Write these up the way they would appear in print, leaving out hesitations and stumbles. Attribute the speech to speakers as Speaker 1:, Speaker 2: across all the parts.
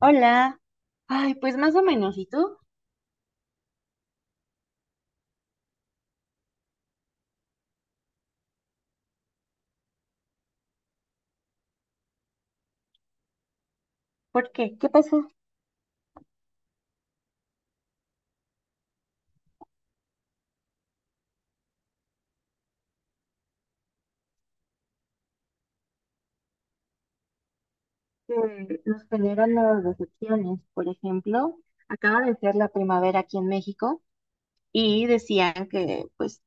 Speaker 1: Hola. Ay, pues más o menos. ¿Y tú? ¿Por qué? ¿Qué pasó? Que nos generan las decepciones. Por ejemplo, acaba de ser la primavera aquí en México y decían que, pues,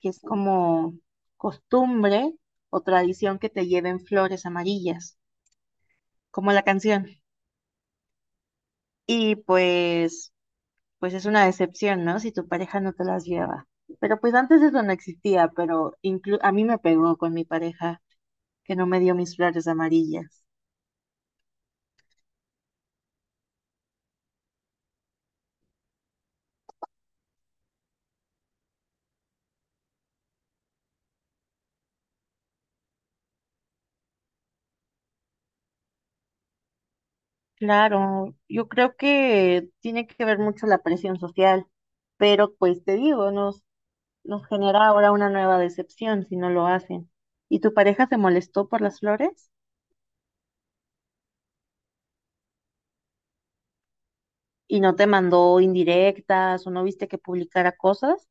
Speaker 1: que es como costumbre o tradición que te lleven flores amarillas, como la canción. Y pues, pues es una decepción, ¿no? Si tu pareja no te las lleva. Pero pues antes eso no existía, pero a mí me pegó con mi pareja que no me dio mis flores amarillas. Claro, yo creo que tiene que ver mucho la presión social, pero pues te digo, nos genera ahora una nueva decepción si no lo hacen. ¿Y tu pareja se molestó por las flores? ¿Y no te mandó indirectas o no viste que publicara cosas?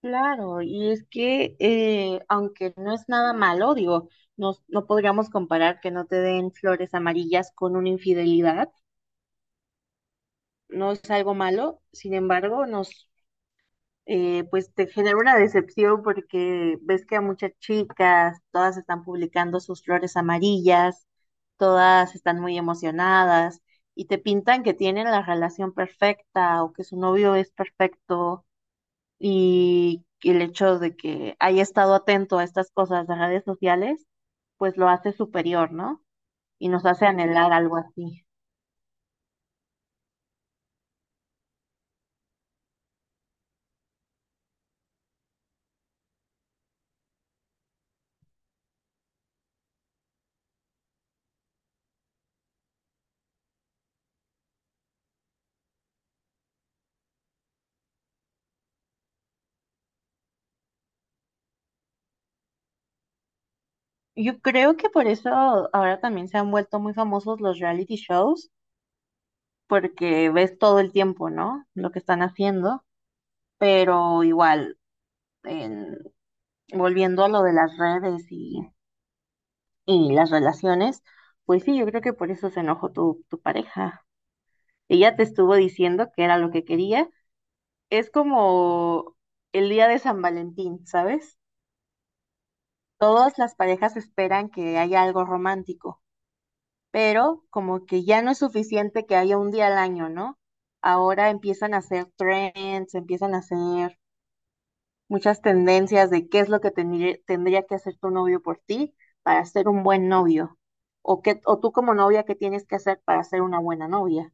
Speaker 1: Claro, y es que aunque no es nada malo, digo, no podríamos comparar que no te den flores amarillas con una infidelidad, no es algo malo, sin embargo, nos pues te genera una decepción porque ves que a muchas chicas, todas están publicando sus flores amarillas, todas están muy emocionadas y te pintan que tienen la relación perfecta o que su novio es perfecto, y que el hecho de que haya estado atento a estas cosas de redes sociales pues lo hace superior, ¿no? Y nos hace anhelar algo así. Yo creo que por eso ahora también se han vuelto muy famosos los reality shows porque ves todo el tiempo, ¿no? Lo que están haciendo. Pero igual, en- volviendo a lo de las redes y las relaciones, pues sí, yo creo que por eso se enojó tu pareja. Ella te estuvo diciendo que era lo que quería. Es como el día de San Valentín, ¿sabes? Todas las parejas esperan que haya algo romántico, pero como que ya no es suficiente que haya un día al año, ¿no? Ahora empiezan a hacer trends, empiezan a hacer muchas tendencias de qué es lo que tendría que hacer tu novio por ti para ser un buen novio, o, qué, o tú como novia, qué tienes que hacer para ser una buena novia.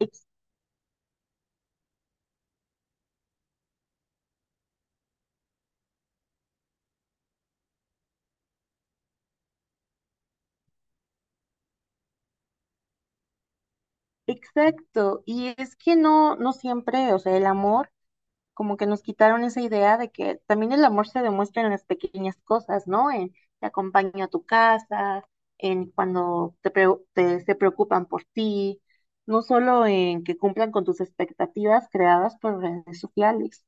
Speaker 1: Ex- Exacto, y es que no, no siempre, o sea, el amor, como que nos quitaron esa idea de que también el amor se demuestra en las pequeñas cosas, ¿no? En te acompaño a tu casa, en cuando se preocupan por ti, no solo en que cumplan con tus expectativas creadas por redes sociales.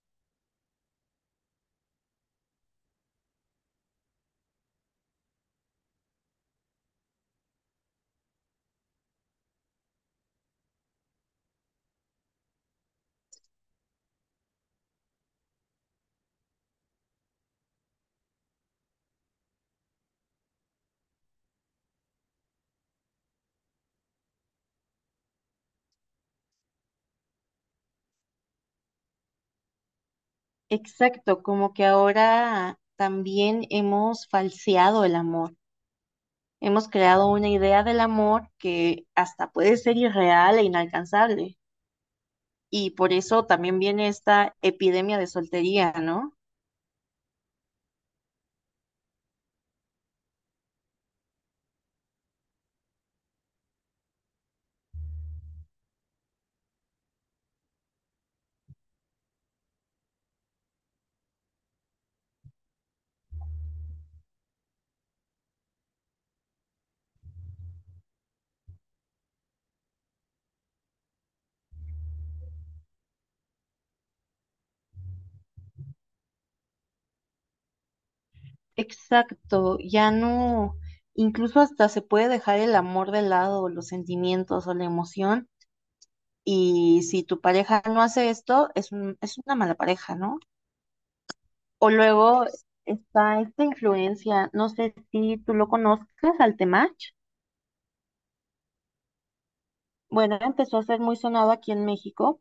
Speaker 1: Exacto, como que ahora también hemos falseado el amor. Hemos creado una idea del amor que hasta puede ser irreal e inalcanzable. Y por eso también viene esta epidemia de soltería, ¿no? Exacto, ya no, incluso hasta se puede dejar el amor de lado, los sentimientos o la emoción. Y si tu pareja no hace esto, es una mala pareja, ¿no? O luego está esta influencia, no sé si tú lo conozcas, al Temach. Bueno, empezó a ser muy sonado aquí en México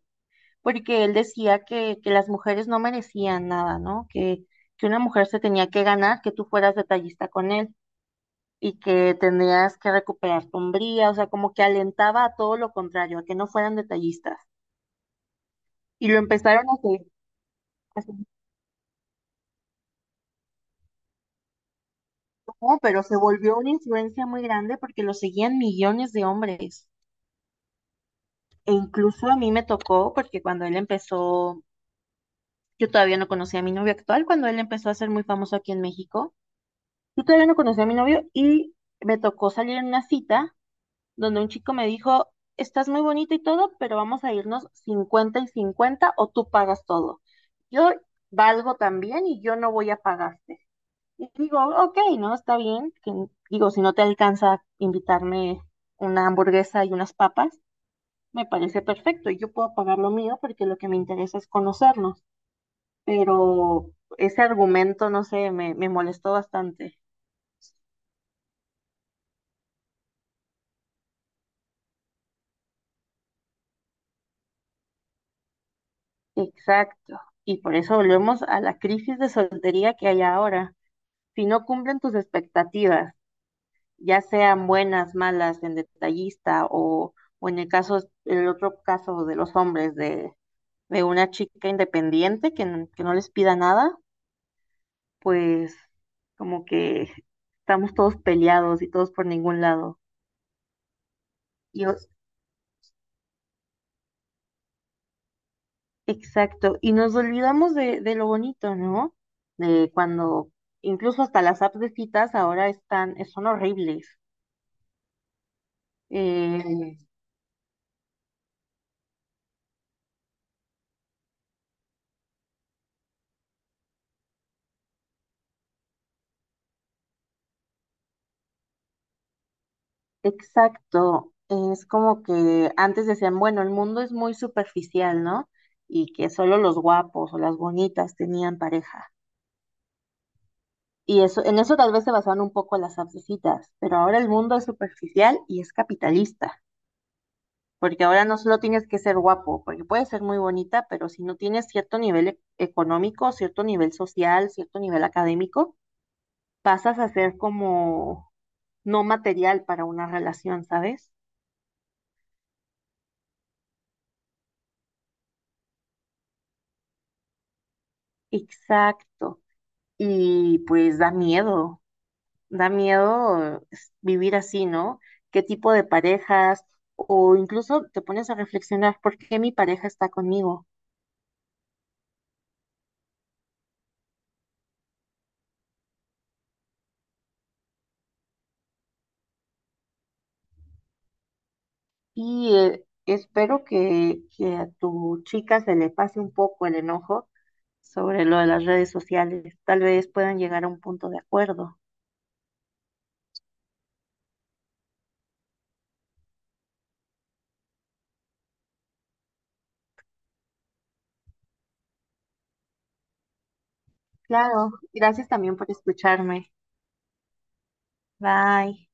Speaker 1: porque él decía que las mujeres no merecían nada, ¿no? Que una mujer se tenía que ganar, que tú fueras detallista con él y que tendrías que recuperar tu hombría, o sea, como que alentaba a todo lo contrario, a que no fueran detallistas. Y lo empezaron a hacer, como, pero se volvió una influencia muy grande porque lo seguían millones de hombres. E incluso a mí me tocó, porque cuando él empezó, yo todavía no conocía a mi novio actual, cuando él empezó a ser muy famoso aquí en México, yo todavía no conocía a mi novio y me tocó salir en una cita donde un chico me dijo, estás muy bonita y todo, pero vamos a irnos 50 y 50 o tú pagas todo. Yo valgo también y yo no voy a pagarte. Y digo, ok, no, está bien. Digo, si no te alcanza a invitarme una hamburguesa y unas papas, me parece perfecto y yo puedo pagar lo mío porque lo que me interesa es conocernos, pero ese argumento, no sé, me molestó bastante. Exacto. Y por eso volvemos a la crisis de soltería que hay ahora. Si no cumplen tus expectativas, ya sean buenas, malas, en detallista o en el caso, el otro caso de los hombres, de una chica independiente que no les pida nada, pues como que estamos todos peleados y todos por ningún lado. Y, o- exacto, y nos olvidamos de lo bonito, ¿no? De cuando incluso hasta las apps de citas ahora están, son horribles. Eh, exacto, es como que antes decían, bueno, el mundo es muy superficial, ¿no? Y que solo los guapos o las bonitas tenían pareja. Y eso, en eso tal vez se basaban un poco las apps de citas, pero ahora el mundo es superficial y es capitalista. Porque ahora no solo tienes que ser guapo, porque puedes ser muy bonita, pero si no tienes cierto nivel económico, cierto nivel social, cierto nivel académico, pasas a ser como no material para una relación, ¿sabes? Exacto. Y pues da miedo es, vivir así, ¿no? ¿Qué tipo de parejas? O incluso te pones a reflexionar, ¿por qué mi pareja está conmigo? Y espero que a tu chica se le pase un poco el enojo sobre lo de las redes sociales. Tal vez puedan llegar a un punto de acuerdo. Claro, gracias también por escucharme. Bye.